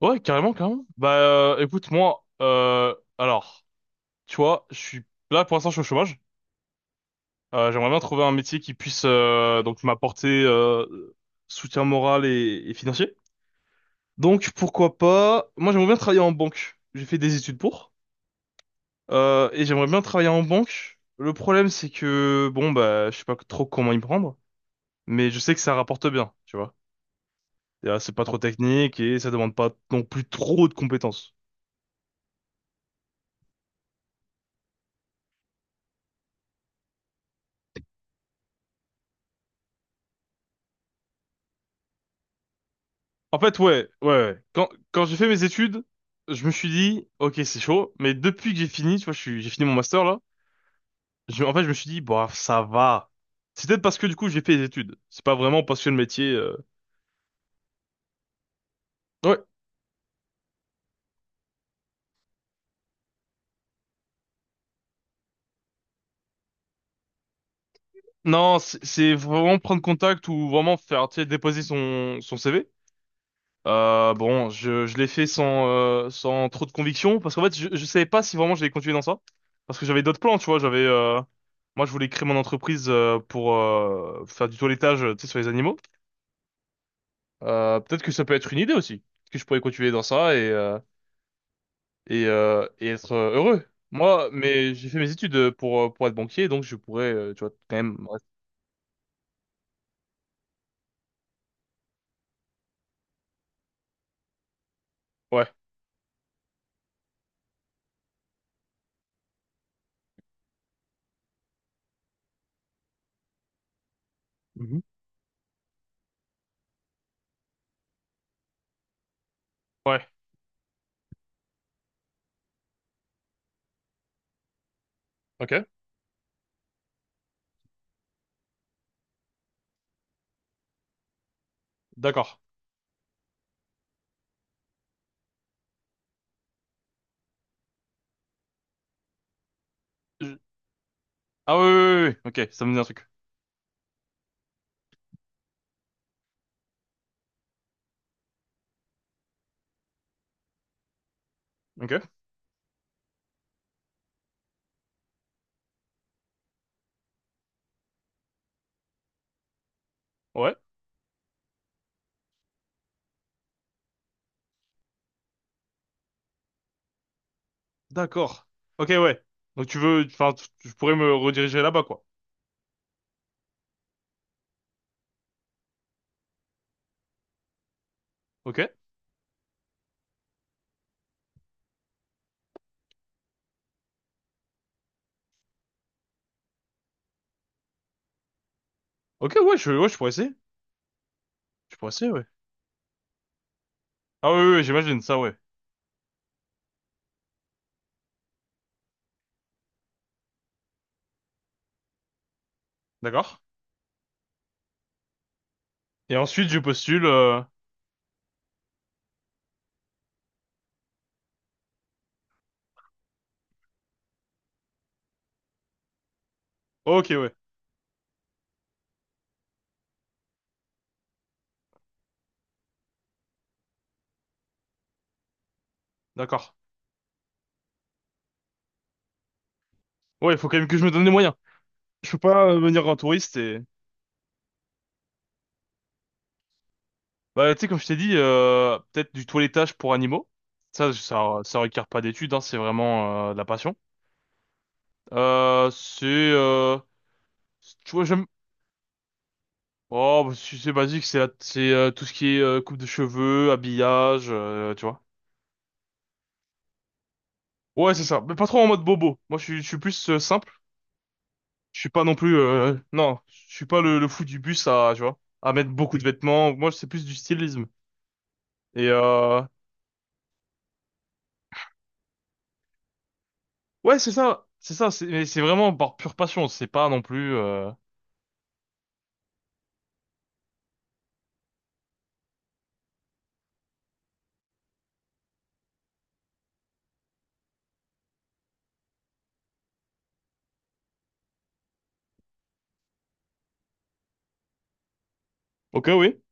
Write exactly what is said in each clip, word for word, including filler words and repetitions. Ouais, carrément, carrément. Bah, euh, écoute, moi, euh, alors, tu vois, je suis là pour l'instant, je suis au chômage. Euh, j'aimerais bien trouver un métier qui puisse euh, donc m'apporter euh, soutien moral et, et financier. Donc, pourquoi pas? Moi, j'aimerais bien travailler en banque. J'ai fait des études pour, euh, et j'aimerais bien travailler en banque. Le problème, c'est que bon, bah, je sais pas trop comment y prendre, mais je sais que ça rapporte bien, tu vois. Et, euh, C'est pas trop technique et ça demande pas non plus trop de compétences. En fait, ouais, ouais, ouais. Quand, quand j'ai fait mes études, je me suis dit, ok, c'est chaud, mais depuis que j'ai fini, tu vois, je suis, j'ai fini mon master là, je, en fait, je me suis dit, bah, ça va. C'est peut-être parce que du coup, j'ai fait des études. C'est pas vraiment parce que le métier. euh, Ouais. Non, c'est c'est vraiment prendre contact ou vraiment faire, tu sais, déposer son, son C V. Euh, bon, je, je l'ai fait sans, euh, sans trop de conviction, parce qu'en fait, je, je savais pas si vraiment j'allais continuer dans ça. Parce que j'avais d'autres plans, tu vois, j'avais... euh, moi, je voulais créer mon entreprise euh, pour euh, faire du toilettage, tu sais, sur les animaux. Euh, peut-être que ça peut être une idée aussi, que je pourrais continuer dans ça et, euh, et, euh, et être euh, heureux. Moi, mais j'ai fait mes études pour, euh, pour être banquier, donc je pourrais, euh, tu vois, quand même... Ouais, mhm, ouais, ok, d'accord. Je- Ah oui, oui, oui, oui, oui. Ok, ça me dit un truc. Ok, ouais. D'accord. Ok, ouais. Donc tu veux, enfin, tu tu pourrais me rediriger là-bas, quoi. Ok. Ok, ouais, je, ouais, je pourrais essayer. Je pourrais essayer, ouais. Ah oui, oui, oui, j'imagine ça, ouais. D'accord. Et ensuite, je postule. euh, Ok, ouais. D'accord. Ouais, il faut quand même que je me donne les moyens. Je peux pas euh, venir en touriste et. Bah, tu sais, comme je t'ai dit, euh, peut-être du toilettage pour animaux. Ça, ça, ça requiert pas d'études, hein, c'est vraiment euh, de la passion. Euh, c'est, euh, tu vois, j'aime. Oh, bah, c'est c'est basique, c'est la- c'est euh, tout ce qui est euh, coupe de cheveux, habillage, euh, tu vois. Ouais, c'est ça, mais pas trop en mode bobo. Moi, je suis, je suis plus euh, simple. Je suis pas non plus, euh, non, je suis pas le, le fou du bus à, tu vois, à mettre beaucoup de vêtements. Moi, c'est plus du stylisme. Et euh, ouais, c'est ça, c'est ça. C'est mais c'est vraiment par pure passion. C'est pas non plus. Euh, Ok, oui.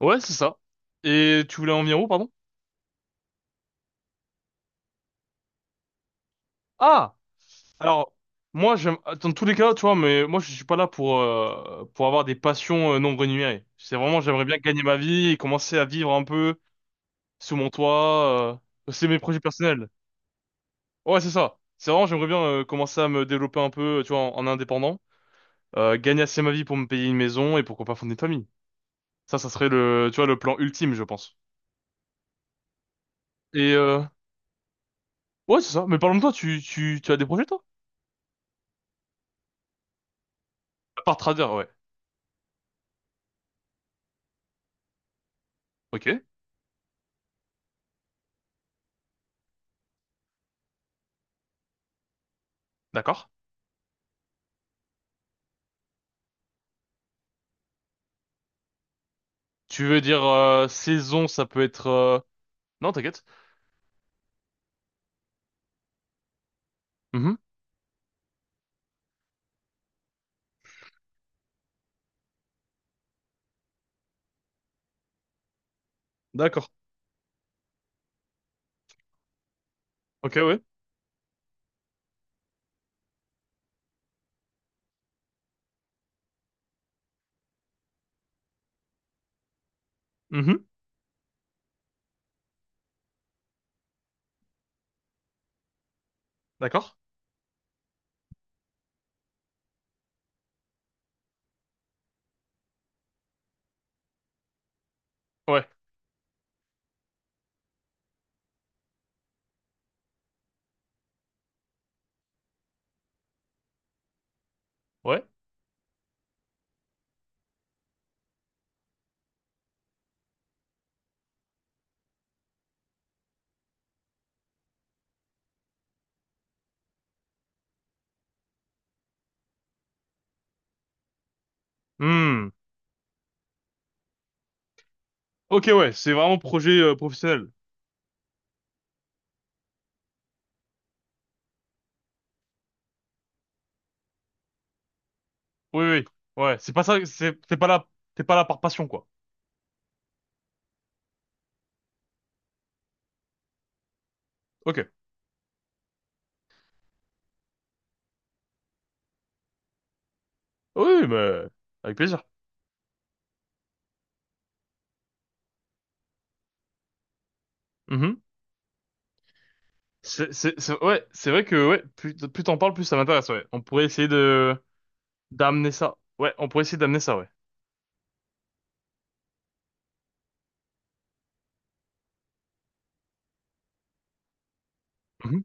Ouais, c'est ça. Et tu voulais en venir où, pardon? Ah! Alors, moi, j'aime, dans tous les cas, tu vois, mais moi, je suis pas là pour, euh, pour avoir des passions euh, non rémunérées. C'est vraiment, j'aimerais bien gagner ma vie et commencer à vivre un peu sous mon toit. Euh, c'est mes projets personnels. Ouais, c'est ça. C'est vraiment, j'aimerais bien euh, commencer à me développer un peu, tu vois, en, en indépendant, euh, gagner assez ma vie pour me payer une maison et pourquoi pas fonder une famille. Ça, ça serait le, tu vois, le plan ultime, je pense. Et, euh, ouais, c'est ça. Mais parlons de toi, tu, tu, tu as des projets, toi? À part trader, ouais. Ok, d'accord. Tu veux dire, euh, saison, ça peut être, euh, non, t'inquiète. Mhm. D'accord. Ok, ouais. Mhm. D'accord. Ouais. Ouais. Hmm. Ok, ouais. C'est vraiment projet euh, professionnel. Oui, oui. Ouais. C'est pas ça. C'est t'es pas là. T'es pas là par passion, quoi. Ok. Oui, mais avec plaisir. Mhm. C'est, c'est, c'est- ouais. C'est vrai que ouais. Plus, t- plus t'en parles, plus ça m'intéresse. Ouais. On pourrait essayer de d'amener ça. Ouais. On pourrait essayer d'amener ça. Ouais. Mhm.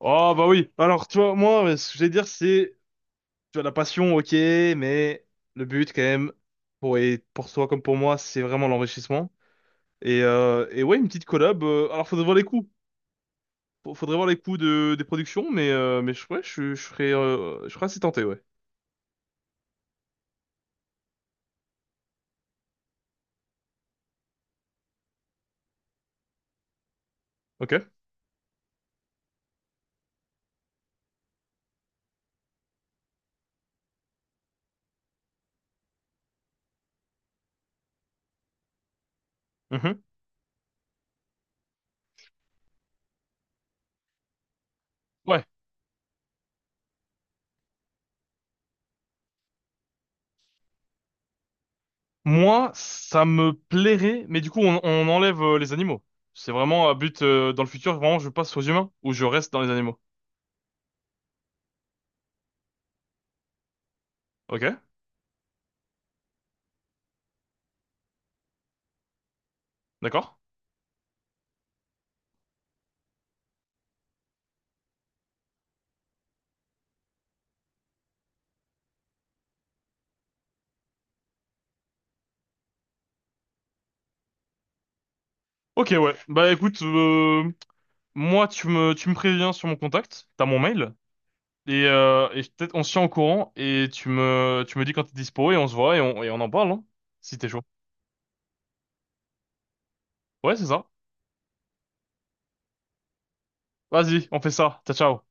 Oh bah oui. Alors, tu vois, moi, euh, ce que je vais dire, c'est, tu vois, la passion, ok, mais le but, quand même, pour, et pour toi comme pour moi, c'est vraiment l'enrichissement. Et, euh, et ouais, une petite collab. euh, alors, faudrait voir les coûts. Faut- Faudrait voir les coûts de, des productions, mais, euh, mais je, ouais, je, je serais, euh, je serais assez tenté, ouais. Ok. Mhm. Ouais. Moi, ça me plairait, mais du coup, on, on enlève euh, les animaux. C'est vraiment à but, euh, dans le futur, vraiment, je passe aux humains ou je reste dans les animaux. Ok? D'accord? Ok, ouais. Bah écoute, euh, moi, tu me, tu me préviens sur mon contact, t'as mon mail, et, euh, et peut-être on se tient au courant, et tu me, tu me dis quand t'es dispo, et on se voit, et on, et on en parle, hein, si t'es chaud. Ouais, c'est ça. Vas-y, on fait ça. Ciao, ciao.